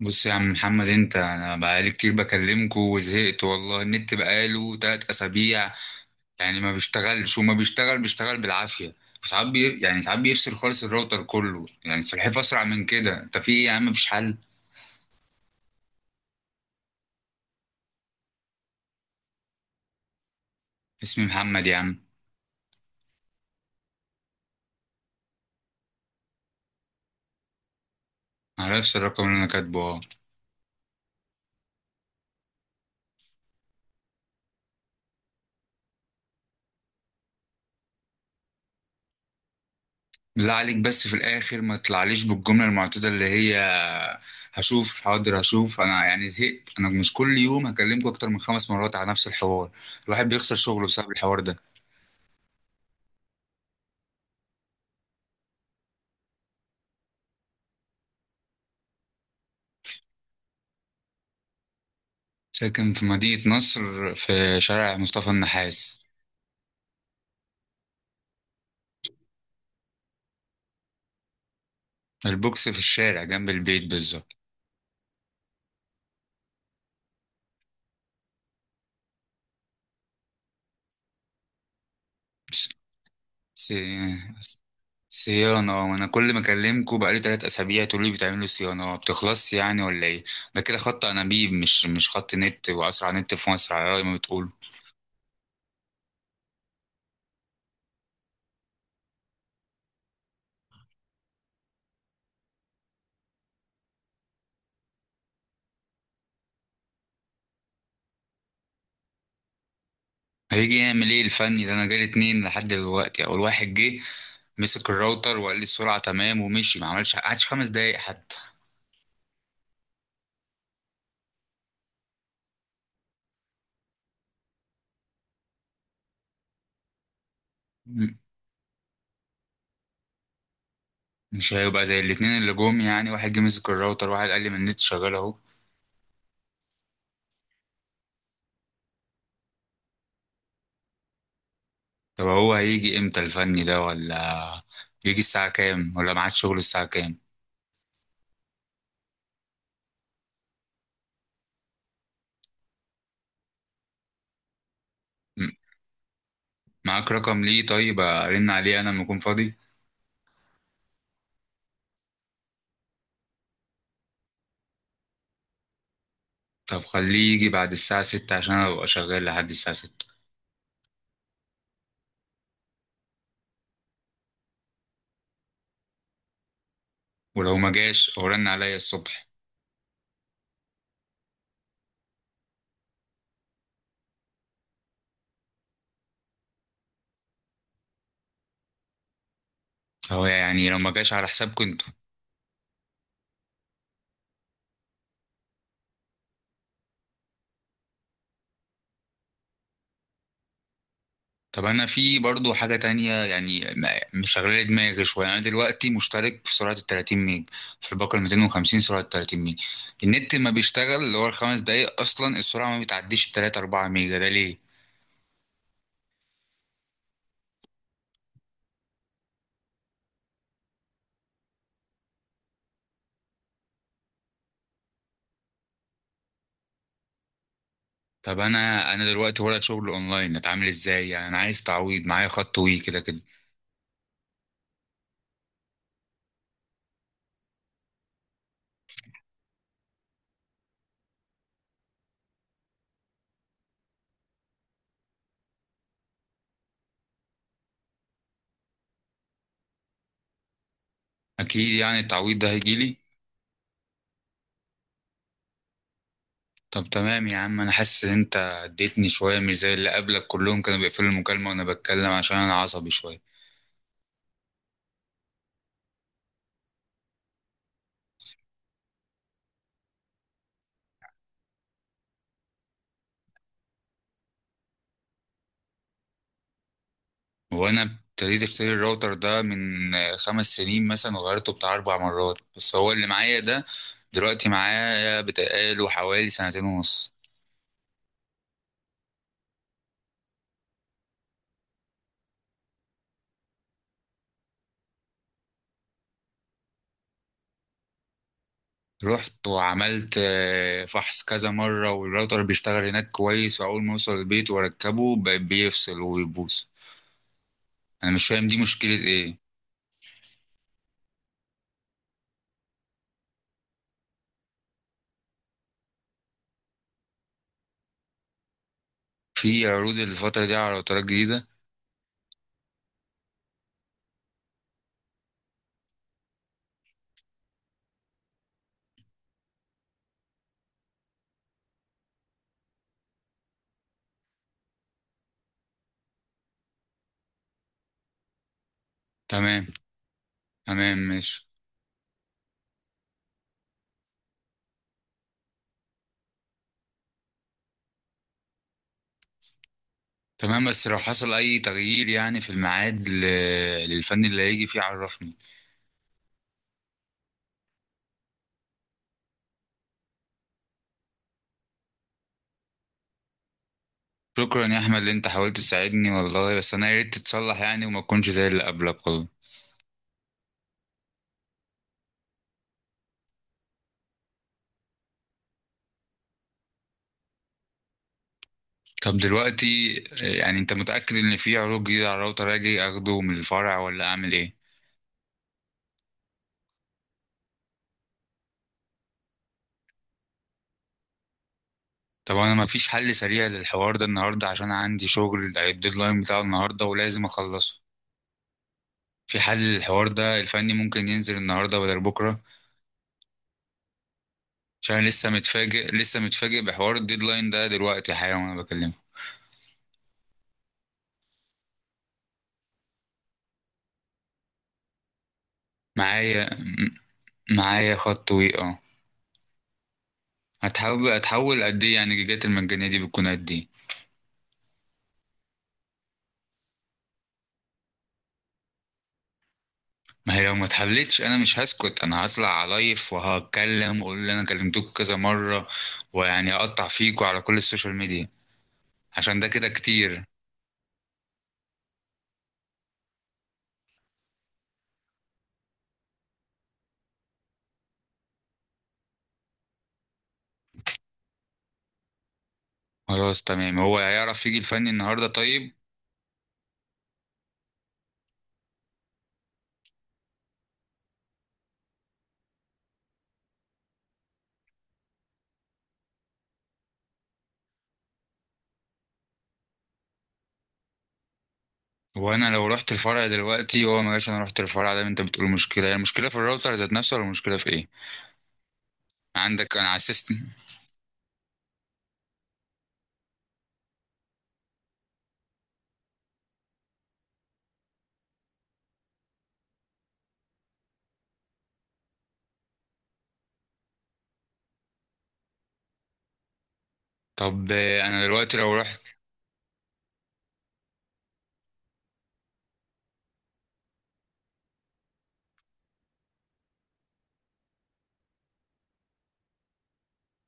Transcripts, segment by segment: بص يا عم محمد، انت، انا بقالي كتير بكلمكوا وزهقت والله. النت بقاله 3 اسابيع، يعني ما بيشتغلش، وما بيشتغل بيشتغل بالعافيه. وساعات بي... يعني ساعات بيفصل خالص الراوتر كله، يعني السلحفاه اسرع من كده. انت في ايه يا عم؟ مفيش حل؟ اسمي محمد يا عم. على نفس الرقم اللي انا كاتبه، اه. بالله عليك، بس في الاخر ما تطلعليش بالجمله المعتاده اللي هي هشوف حاضر هشوف. انا يعني زهقت، انا مش كل يوم هكلمكوا اكتر من 5 مرات على نفس الحوار. الواحد بيخسر شغله بسبب الحوار ده. ساكن في مدينة نصر، في شارع مصطفى النحاس. البوكس في الشارع جنب البيت بالظبط. سي- صيانة؟ وأنا كل ما أكلمكوا بقالي 3 أسابيع تقولوا لي بتعملوا صيانة، ما بتخلصش يعني ولا إيه؟ ده كده خط أنابيب مش خط نت، وأسرع نت في مصر على رأي ما بتقولوا. هيجي يعمل إيه الفني ده؟ أنا جالي اتنين لحد دلوقتي، أول واحد جه مسك الراوتر وقال لي السرعة تمام ومشي، ما عملش قعدش 5 دقايق حتى. مش هيبقى زي الاتنين اللي جم، يعني واحد جه مسك الراوتر، واحد قال لي من النت شغال اهو. طب هو هيجي امتى الفني ده ولا يجي الساعة كام؟ ولا معاد شغل الساعة كام؟ م- معاك رقم ليه؟ طيب ارن عليه انا لما اكون فاضي. طب خليه يجي بعد الساعة 6 عشان أنا ابقى شغال لحد الساعة 6، ولو ما جاش هو رن عليا الصبح. هو يعني لو ما جاش على حسابكم انتوا؟ طب انا في برضو حاجه تانية، يعني مشغله دماغي شويه. انا دلوقتي مشترك في سرعه ال 30 ميج، في الباقه ال 250، سرعه 30 ميج، النت ما بيشتغل. اللي هو الخمس دقايق اصلا السرعه ما بتعديش 3 4 ميجا، ده ليه؟ طب انا دلوقتي ورق شغل اونلاين، اتعامل ازاي يعني؟ انا عايز تعويض، معايا خط وي كده كده. اكيد يعني التعويض ده هيجيلي؟ طب تمام يا عم، انا حاسس ان انت اديتني شويه، مش زي اللي قبلك كلهم كانوا بيقفلوا المكالمه وانا بتكلم، عشان انا عصبي شويه. وانا ابتديت اشتري الراوتر ده من 5 سنين مثلا، وغيرته بتاع 4 مرات، بس هو اللي معايا ده دلوقتي معايا بتقاله حوالي سنتين ونص. رحت وعملت فحص كذا مرة، والراوتر بيشتغل هناك كويس، وأول ما أوصل البيت وأركبه بيفصل وبيبوظ. أنا مش فاهم دي مشكلة إيه. في عروض الفترة دي على راوترات جديدة؟ تمام. تمام ماشي. تمام، بس لو حصل أي تغيير يعني في الميعاد للفني اللي هيجي فيه عرفني. شكرا يا احمد اللي انت حاولت تساعدني والله، بس انا يا ريت تتصلح يعني، وما تكونش زي اللي قبلك والله. طب دلوقتي، يعني انت متأكد ان في عروض جديدة على الراوتر؟ اجي اخده من الفرع ولا اعمل ايه؟ طب انا ما فيش حل سريع للحوار ده النهارده؟ عشان عندي شغل الديدلاين بتاعه النهارده ولازم اخلصه. في حل للحوار ده؟ الفني ممكن ينزل النهارده بدل بكره؟ عشان أنا لسه متفاجئ لسه متفاجئ بحوار الديدلاين ده دلوقتي حالا وانا بكلمه. معايا م- معايا خط وي. هتحول قد ايه يعني؟ الجيجات المجانية دي بتكون قد ايه؟ ما هي لو ما اتحلتش انا مش هسكت، انا هطلع عليف وهتكلم واقول اللي انا كلمتوك كذا مرة، ويعني اقطع فيكوا على كل السوشيال ميديا عشان ده كده كتير. خلاص تمام، هو هيعرف يجي الفني النهاردة طيب؟ وانا لو رحت الفرع دلوقتي هو ما جاش، انا رحت الفرع ده، انت بتقول مشكلة. هي المشكلة في الراوتر ذات نفسه ولا المشكلة في ايه؟ عندك انا على السيستم. طب انا دلوقتي لو رحت.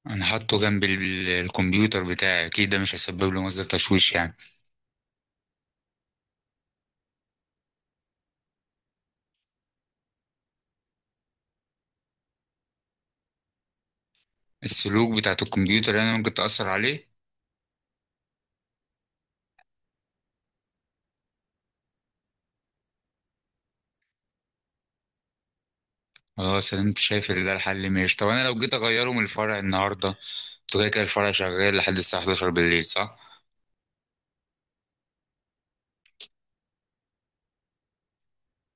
انا حاطه جنب الكمبيوتر بتاعي، اكيد ده مش هيسبب له مصدر تشويش يعني. السلوك بتاعت الكمبيوتر يعني ممكن تأثر عليه؟ خلاص انا شايف ان ده الحل، ماشي. طب انا لو جيت اغيره من الفرع النهارده، انتوا كده كده الفرع شغال لحد الساعه 11 بالليل، صح؟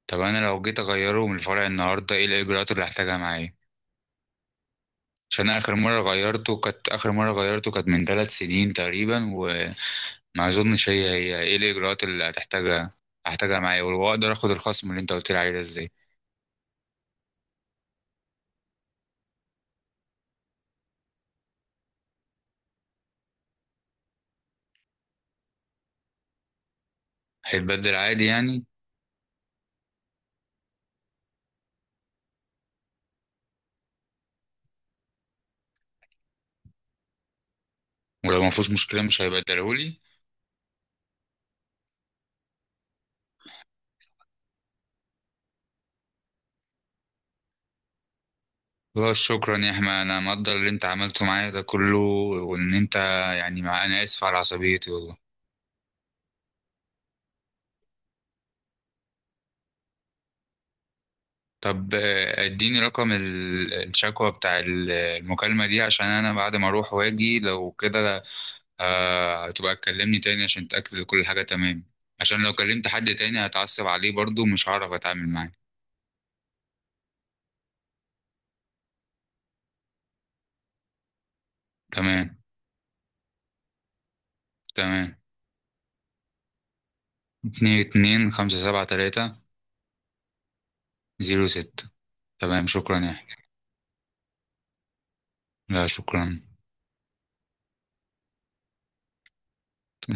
طب انا لو جيت اغيره من الفرع النهارده ايه الاجراءات اللي هحتاجها معايا؟ عشان اخر مره غيرته كانت من 3 سنين تقريبا، وما اظنش. هي هي ايه الاجراءات اللي هحتاجها معايا، واقدر اخد الخصم اللي انت قلت لي عليه ده ازاي؟ هيتبدل عادي يعني؟ ولو ما فيهوش مشكله مش هيبدلهولي؟ لا شكرا يا احمد، انا مقدر اللي انت عملته معايا ده كله، وان انت يعني مع، انا اسف على عصبيتي والله. طب اديني رقم الشكوى بتاع المكالمة دي، عشان انا بعد ما اروح واجي لو كده هتبقى تكلمني تاني عشان تأكد إن كل حاجة تمام، عشان لو كلمت حد تاني هتعصب عليه برضو مش هعرف اتعامل معاه. تمام. تمام. 2257306 تمام، شكرا يا احمد. لا، شكرا.